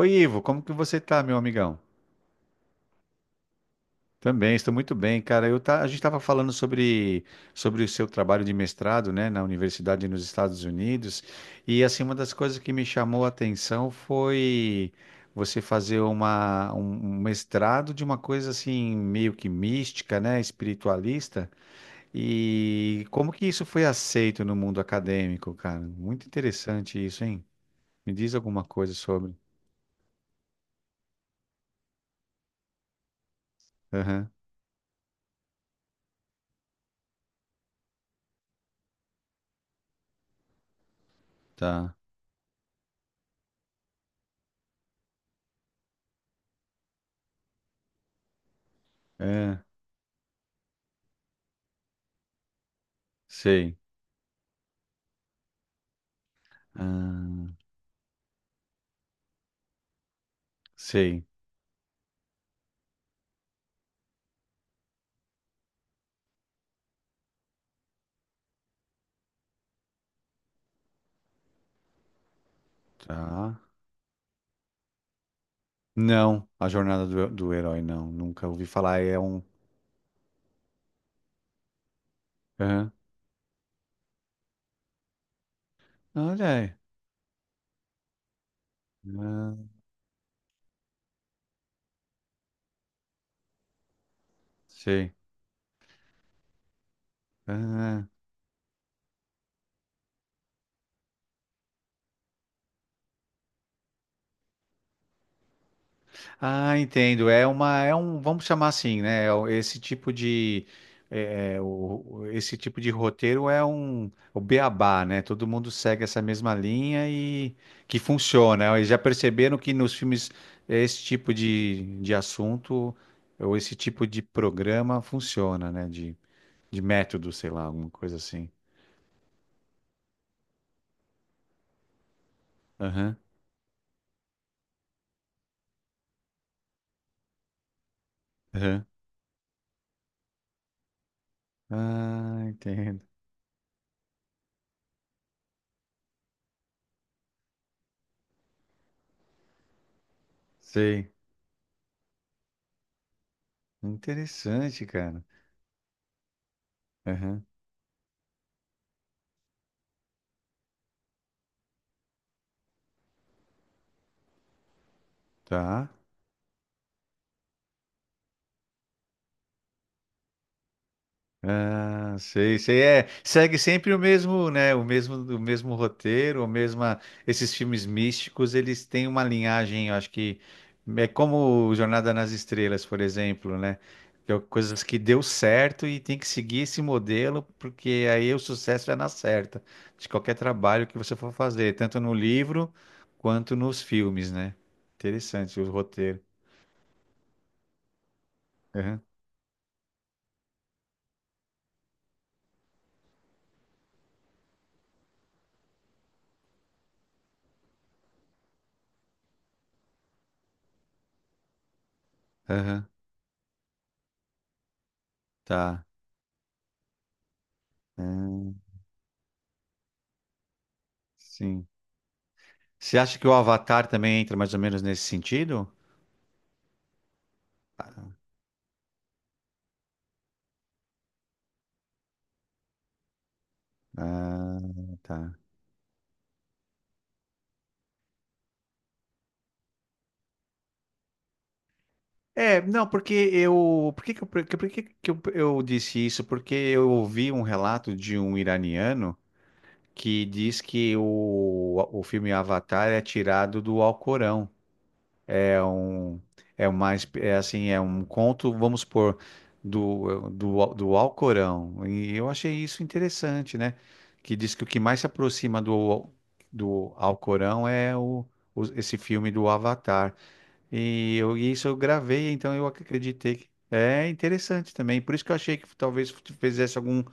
Oi, Ivo, como que você tá, meu amigão? Também, estou muito bem, cara. A gente estava falando sobre o seu trabalho de mestrado, né, na universidade nos Estados Unidos, e assim, uma das coisas que me chamou a atenção foi você fazer um mestrado de uma coisa assim, meio que mística, né, espiritualista, e como que isso foi aceito no mundo acadêmico, cara? Muito interessante isso, hein? Me diz alguma coisa sobre. Aham, tá. É, sei. Ah, sei, tá. Não, a jornada do herói, não. Nunca ouvi falar. É um. Aham. Olha aí. Ah, sei. Aham. Ah, entendo. É uma, é um, vamos chamar assim, né? Esse tipo de, esse tipo de roteiro é um, o beabá, né? Todo mundo segue essa mesma linha e que funciona. Eles já perceberam que nos filmes esse tipo de assunto ou esse tipo de programa funciona, né? De método, sei lá, alguma coisa assim. Aham, aham. Ah, entendo. Sei. Interessante, cara. Aham. Tá. Ah, sei, sei. É, segue sempre o mesmo, né? O mesmo roteiro, o mesma. Esses filmes místicos, eles têm uma linhagem, eu acho que é como Jornada nas Estrelas, por exemplo, né? Que é coisas que deu certo e tem que seguir esse modelo, porque aí o sucesso é na certa de qualquer trabalho que você for fazer, tanto no livro quanto nos filmes, né? Interessante o roteiro. Aham, aham, tá. Ah, sim. Você acha que o Avatar também entra mais ou menos nesse sentido? Ah, tá. É, não, por que que eu disse isso? Porque eu ouvi um relato de um iraniano que diz que o filme Avatar é tirado do Alcorão. É um, É assim, é um conto, vamos supor, do Alcorão. E eu achei isso interessante, né? Que diz que o que mais se aproxima do Alcorão é esse filme do Avatar. E isso eu gravei, então acreditei que é interessante também. Por isso que eu achei que talvez fizesse algum,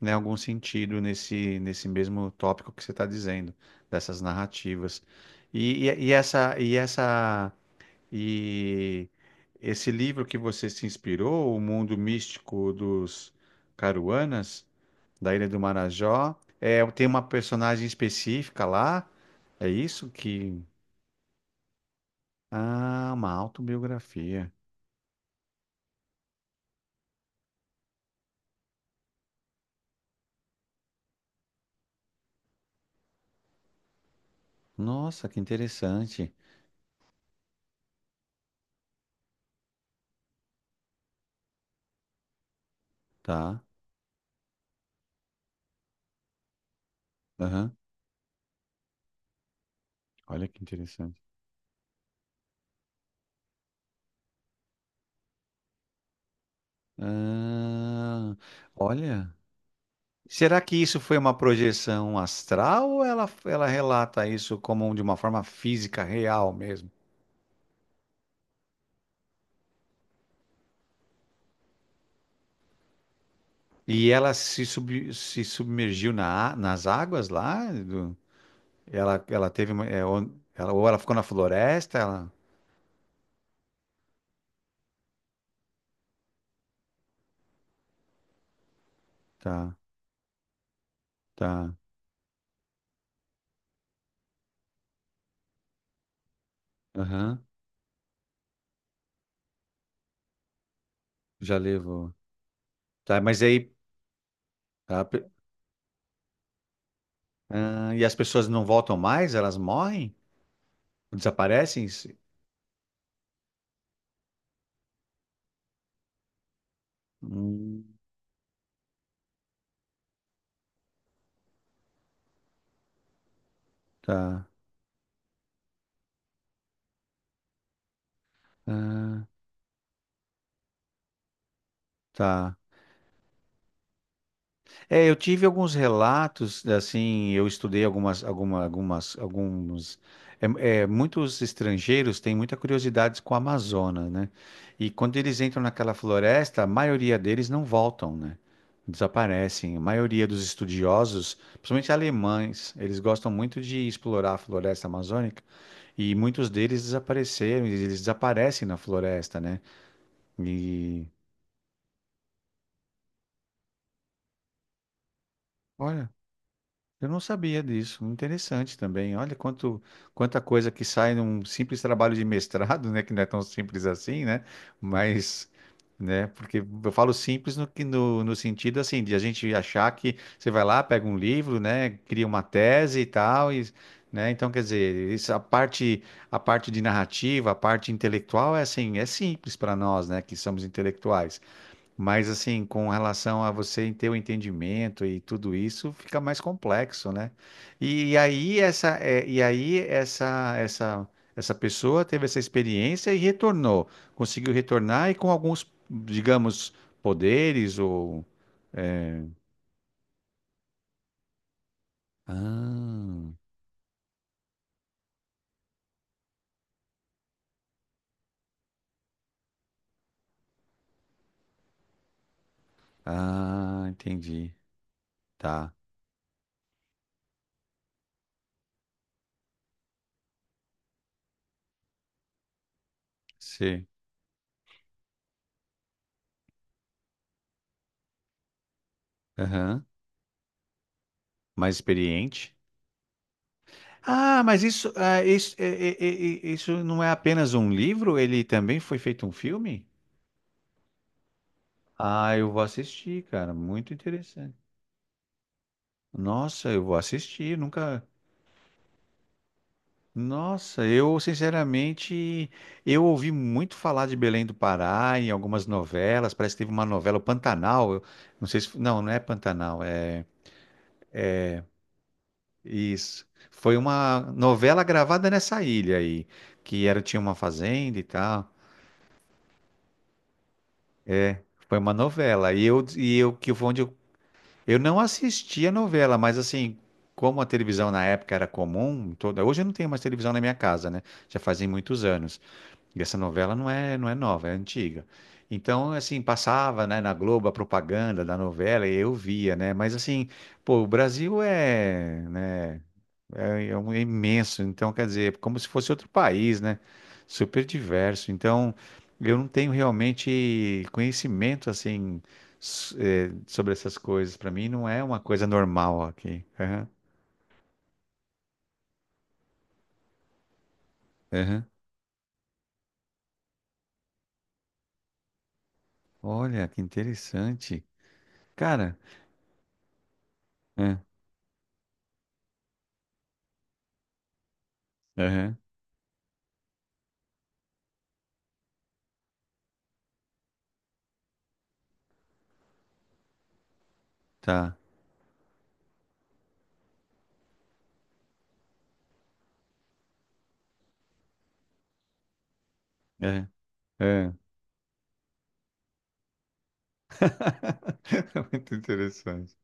né, algum sentido nesse mesmo tópico que você está dizendo, dessas narrativas. E essa, e essa e Esse livro que você se inspirou, O Mundo Místico dos Caruanas, da Ilha do Marajó, é, tem uma personagem específica lá? É isso que. Ah, uma autobiografia. Nossa, que interessante. Tá. Aham. Olha que interessante. Ah, olha. Será que isso foi uma projeção astral ou ela relata isso como de uma forma física real mesmo? E ela se submergiu nas águas lá? Ela, ela teve uma, é, on- ela, Ou ela ficou na floresta? Ela, tá, tá. Aham, já levou. Tá, mas aí. a pe- e as pessoas não voltam mais? Elas morrem? Desaparecem? Hum, tá. Ah, tá. É, eu tive alguns relatos, assim, eu estudei algumas, alguma, algumas, alguns. Muitos estrangeiros têm muita curiosidade com a Amazônia, né? E quando eles entram naquela floresta, a maioria deles não voltam, né? Desaparecem. A maioria dos estudiosos, principalmente alemães, eles gostam muito de explorar a floresta amazônica e muitos deles desapareceram, e eles desaparecem na floresta, né? E Olha, eu não sabia disso. Interessante também. Olha quanta coisa que sai num simples trabalho de mestrado, né? Que não é tão simples assim, né? Mas, né? Porque eu falo simples no sentido assim de a gente achar que você vai lá, pega um livro, né? Cria uma tese e tal, e, né? Então, quer dizer, isso, a parte de narrativa, a parte intelectual é assim, é simples para nós, né? Que somos intelectuais. Mas assim, com relação a você ter o entendimento e tudo isso, fica mais complexo, né? E, aí essa, é, e aí Essa pessoa teve essa experiência e retornou, conseguiu retornar e com alguns, digamos, poderes ah, entendi, tá, sim, aham. Mais experiente. Ah, mas isso, isso, isso não é apenas um livro? Ele também foi feito um filme? Ah, eu vou assistir, cara. Muito interessante. Nossa, eu vou assistir. Nunca. Nossa, eu sinceramente, eu ouvi muito falar de Belém do Pará em algumas novelas. Parece que teve uma novela, o Pantanal. Não sei se. Não, não é Pantanal. É isso. Foi uma novela gravada nessa ilha aí, que era tinha uma fazenda e tal. Foi uma novela. E eu que foi onde eu. Eu não assisti a novela, mas assim, como a televisão na época era comum, hoje eu não tenho mais televisão na minha casa, né? Já fazem muitos anos. E essa novela não é nova, é antiga. Então, assim, passava, né, na Globo a propaganda da novela e eu via, né? Mas assim, pô, o Brasil é, né? É imenso, então quer dizer, é como se fosse outro país, né? Super diverso. Então, eu não tenho realmente conhecimento assim sobre essas coisas. Para mim, não é uma coisa normal aqui. Aham, aham. Olha, que interessante, cara. é, Aham, tá. É, é. Muito interessante.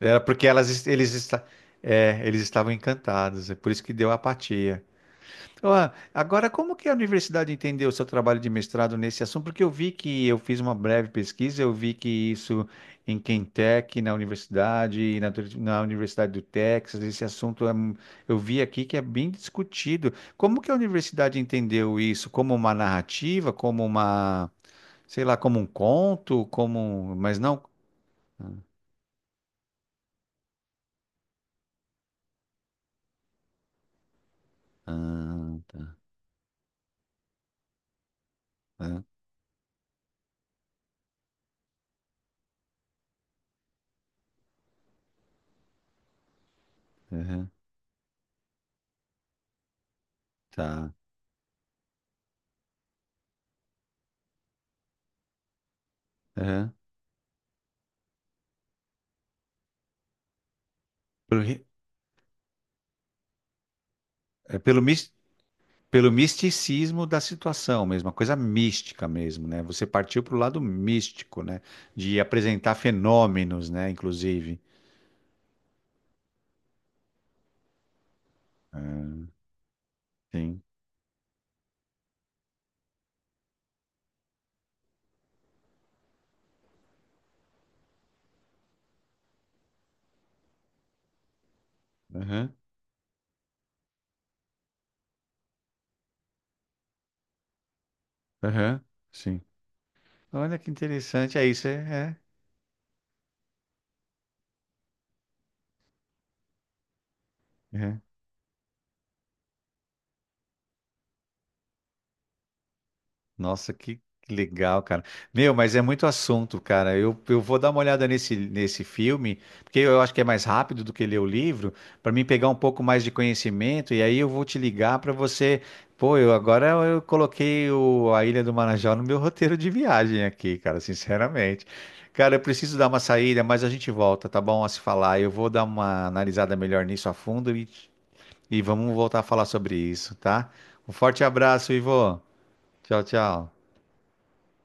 Era porque elas, es- eles, esta- é, eles estavam encantados. É por isso que deu apatia. Ó, agora, como que a universidade entendeu o seu trabalho de mestrado nesse assunto? Porque eu vi que eu fiz uma breve pesquisa, eu vi que isso em Quentec, na universidade, na Universidade do Texas, esse assunto eu vi aqui que é bem discutido. Como que a universidade entendeu isso? Como uma narrativa, como uma, sei lá, como um conto, mas não. Ah, tá. Ah, tá. Aham, tá. Aham. Pelo, ri- é pelo, mis- Pelo misticismo da situação mesmo, uma coisa mística mesmo, né? Você partiu para o lado místico, né? De apresentar fenômenos, né? Inclusive. Sim. Aham, aham, sim. Olha que interessante. É isso, é. É, é. Nossa, que legal, cara. Meu, mas é muito assunto, cara. Eu vou dar uma olhada nesse filme, porque eu acho que é mais rápido do que ler o livro, para mim pegar um pouco mais de conhecimento, e aí eu vou te ligar para você. Pô, eu agora eu coloquei a Ilha do Marajó no meu roteiro de viagem aqui, cara, sinceramente. Cara, eu preciso dar uma saída, mas a gente volta, tá bom? A se falar. Eu vou dar uma analisada melhor nisso a fundo e vamos voltar a falar sobre isso, tá? Um forte abraço, Ivo. Tchau, tchau.